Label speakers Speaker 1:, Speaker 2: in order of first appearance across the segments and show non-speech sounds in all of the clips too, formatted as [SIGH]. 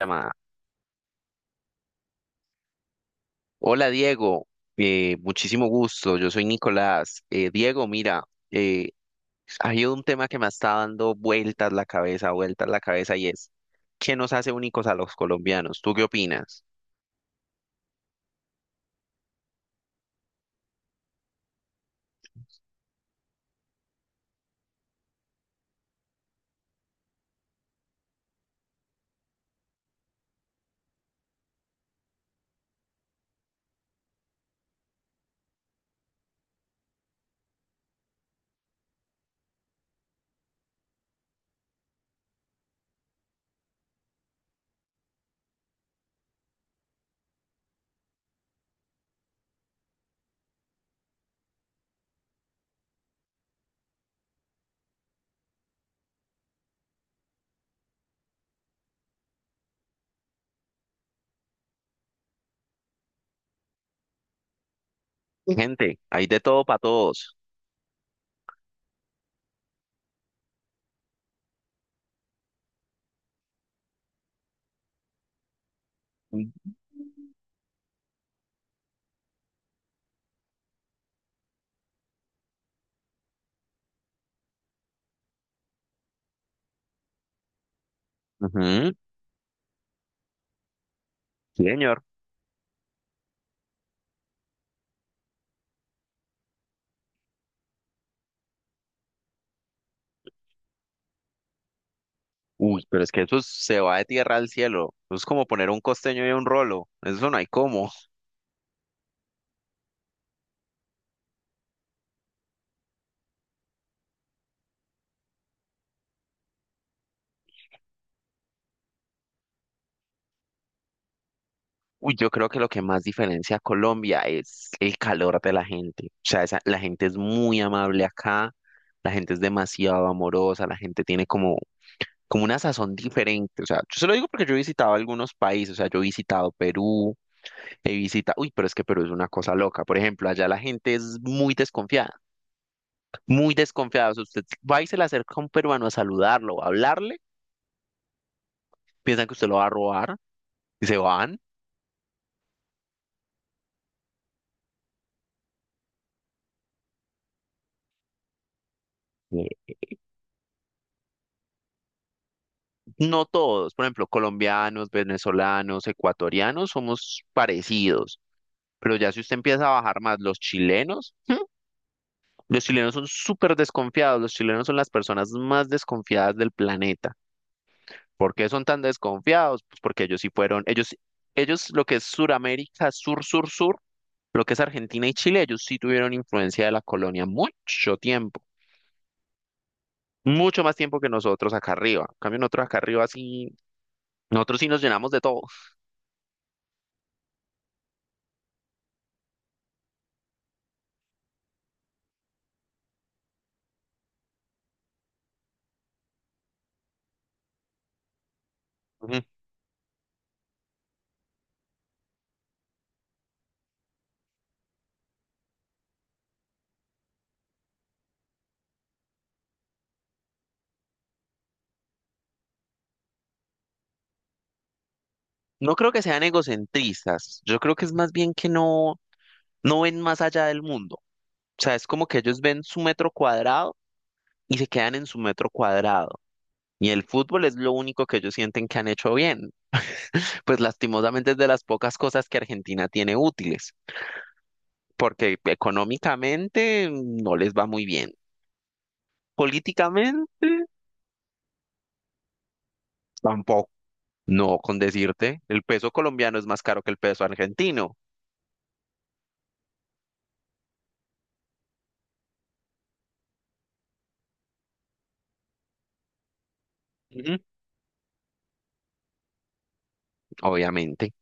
Speaker 1: Llamada. Hola, Diego. Muchísimo gusto, yo soy Nicolás. Diego, mira, eh, hay un tema que me está dando vueltas la cabeza y es, ¿qué nos hace únicos a los colombianos? ¿Tú qué opinas? Gente, hay de todo para todos. Ujú, sí, señor. Uy, pero es que eso se va de tierra al cielo. Eso es como poner un costeño y un rolo. Eso no hay cómo. Uy, yo creo que lo que más diferencia a Colombia es el calor de la gente. O sea, la gente es muy amable acá, la gente es demasiado amorosa, la gente tiene como una sazón diferente. O sea, yo se lo digo porque yo he visitado algunos países, o sea, yo he visitado Perú, he visitado, uy, pero es que Perú es una cosa loca. Por ejemplo, allá la gente es muy desconfiada, muy desconfiada. O sea, usted va y se le acerca a un peruano a saludarlo, a hablarle, piensan que usted lo va a robar y se van. No todos, por ejemplo, colombianos, venezolanos, ecuatorianos, somos parecidos, pero ya si usted empieza a bajar más los chilenos, ¿hmm? Los chilenos son súper desconfiados, los chilenos son las personas más desconfiadas del planeta. ¿Por qué son tan desconfiados? Pues porque ellos sí fueron, ellos lo que es Suramérica, sur, sur, sur, lo que es Argentina y Chile, ellos sí tuvieron influencia de la colonia mucho tiempo, mucho más tiempo que nosotros acá arriba. En cambio, nosotros acá arriba sí, nosotros sí nos llenamos de todo. No creo que sean egocentristas, yo creo que es más bien que no, no ven más allá del mundo. O sea, es como que ellos ven su metro cuadrado y se quedan en su metro cuadrado. Y el fútbol es lo único que ellos sienten que han hecho bien. [LAUGHS] Pues lastimosamente es de las pocas cosas que Argentina tiene útiles, porque económicamente no les va muy bien. Políticamente tampoco. No, con decirte, el peso colombiano es más caro que el peso argentino. Ujú. Obviamente.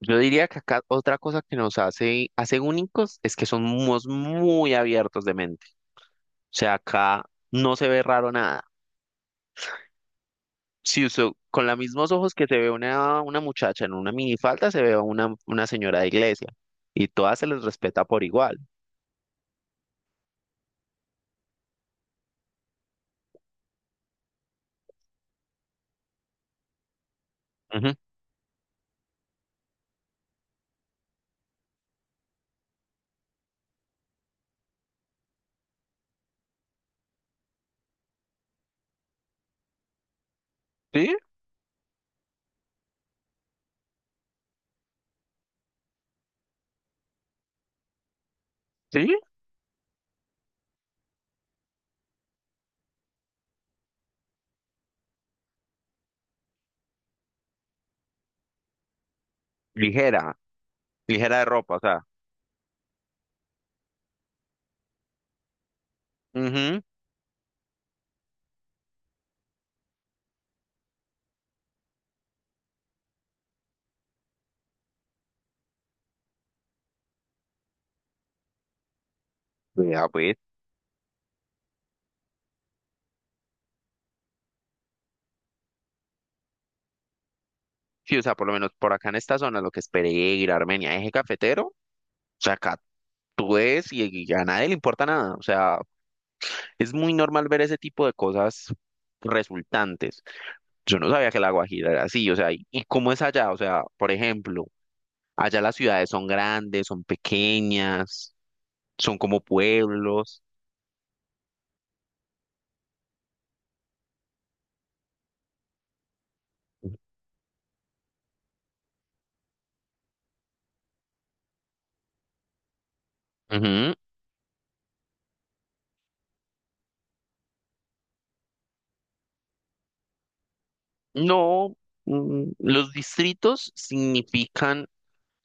Speaker 1: Yo diría que acá otra cosa que nos hace únicos es que somos muy abiertos de mente. O sea, acá no se ve raro nada. Si usted, con los mismos ojos que se ve una muchacha en una minifalda, se ve a una señora de iglesia. Y todas se les respeta por igual. Ujú. Sí, sí. Ligera, ligera de ropa, o sea. Ujú. Vea, pues. Sí, o sea, por lo menos por acá en esta zona, lo que es Pereira, Armenia, eje cafetero, o sea, acá tú ves y a nadie le importa nada. O sea, es muy normal ver ese tipo de cosas resultantes. Yo no sabía que la Guajira era así, o sea, ¿y cómo es allá? O sea, por ejemplo, allá las ciudades son grandes, son pequeñas, son como pueblos. Ujú. No, los distritos significan,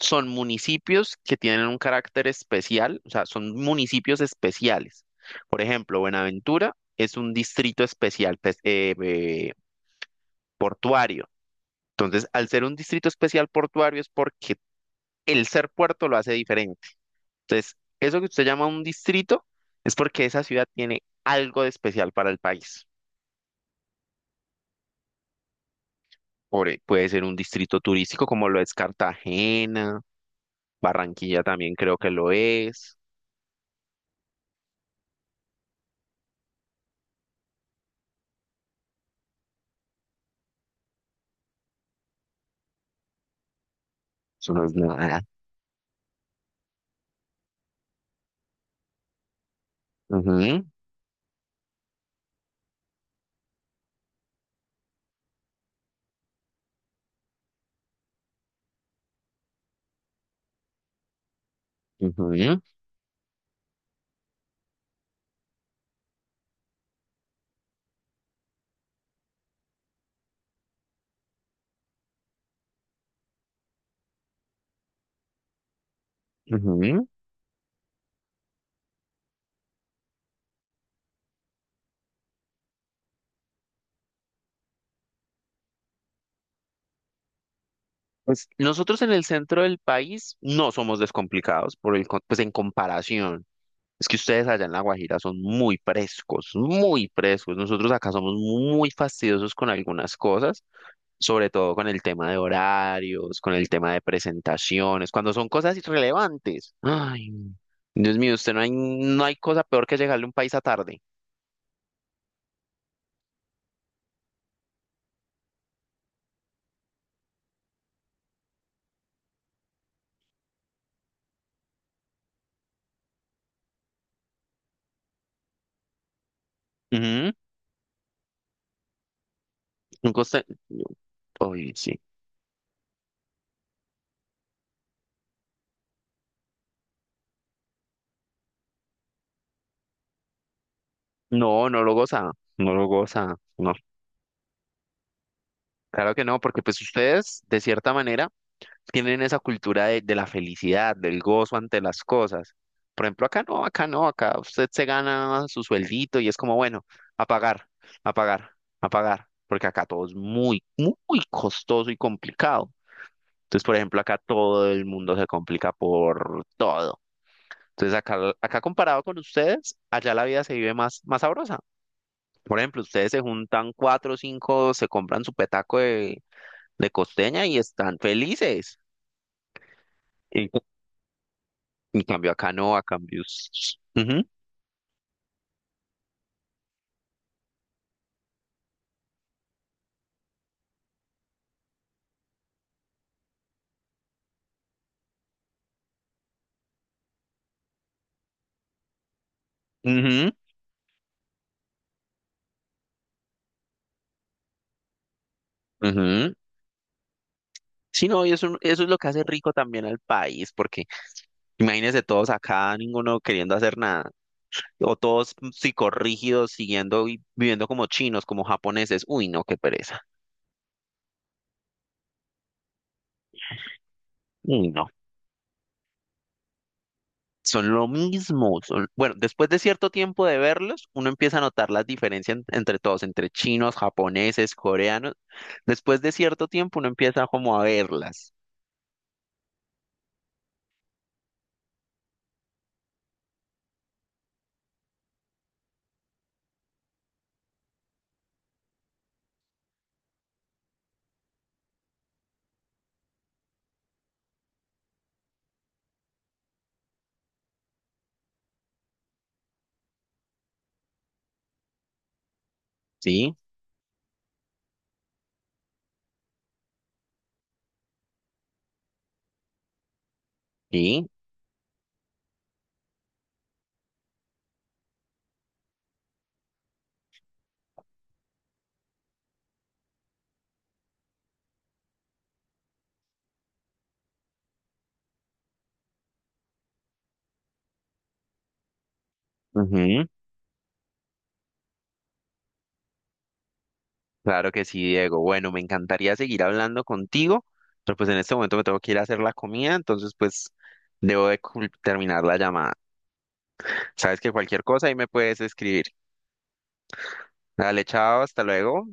Speaker 1: son municipios que tienen un carácter especial, o sea, son municipios especiales. Por ejemplo, Buenaventura es un distrito especial portuario. Entonces, al ser un distrito especial portuario es porque el ser puerto lo hace diferente. Entonces, eso que usted llama un distrito es porque esa ciudad tiene algo de especial para el país. Puede ser un distrito turístico como lo es Cartagena, Barranquilla también creo que lo es. Eso no es nada. Ujú, ujú, ujú. Pues nosotros en el centro del país no somos descomplicados, pues en comparación. Es que ustedes allá en La Guajira son muy frescos, muy frescos. Nosotros acá somos muy fastidiosos con algunas cosas, sobre todo con el tema de horarios, con el tema de presentaciones, cuando son cosas irrelevantes. Ay, Dios mío, usted no hay, no hay cosa peor que llegarle a un país a tarde. Ujú, un coste- Ay, sí. No, no lo goza, no lo goza. No, claro que no, porque pues ustedes, de cierta manera, tienen esa cultura de la felicidad, del gozo ante las cosas. Por ejemplo, acá no, acá no, acá usted se gana su sueldito y es como, bueno, a pagar, a pagar, a pagar, porque acá todo es muy, muy costoso y complicado. Entonces, por ejemplo, acá todo el mundo se complica por todo. Entonces, acá comparado con ustedes, allá la vida se vive más, más sabrosa. Por ejemplo, ustedes se juntan cuatro o cinco, se compran su petaco de costeña y están felices. En cambio acá no, a cambio. Ujú, ujú, ujú. Sí, no, y eso es lo que hace rico también al país, porque imagínense todos acá, ninguno queriendo hacer nada, o todos psicorrígidos, siguiendo y viviendo como chinos, como japoneses. Uy, no, qué pereza. Uy, no. Son lo mismo. Bueno, después de cierto tiempo de verlos, uno empieza a notar las diferencias entre todos, entre chinos, japoneses, coreanos. Después de cierto tiempo, uno empieza como a verlas, ¿sí? Sí. Ujú. Claro que sí, Diego. Bueno, me encantaría seguir hablando contigo, pero pues en este momento me tengo que ir a hacer la comida, entonces pues debo de terminar la llamada. Sabes que cualquier cosa ahí me puedes escribir. Dale, chao, hasta luego.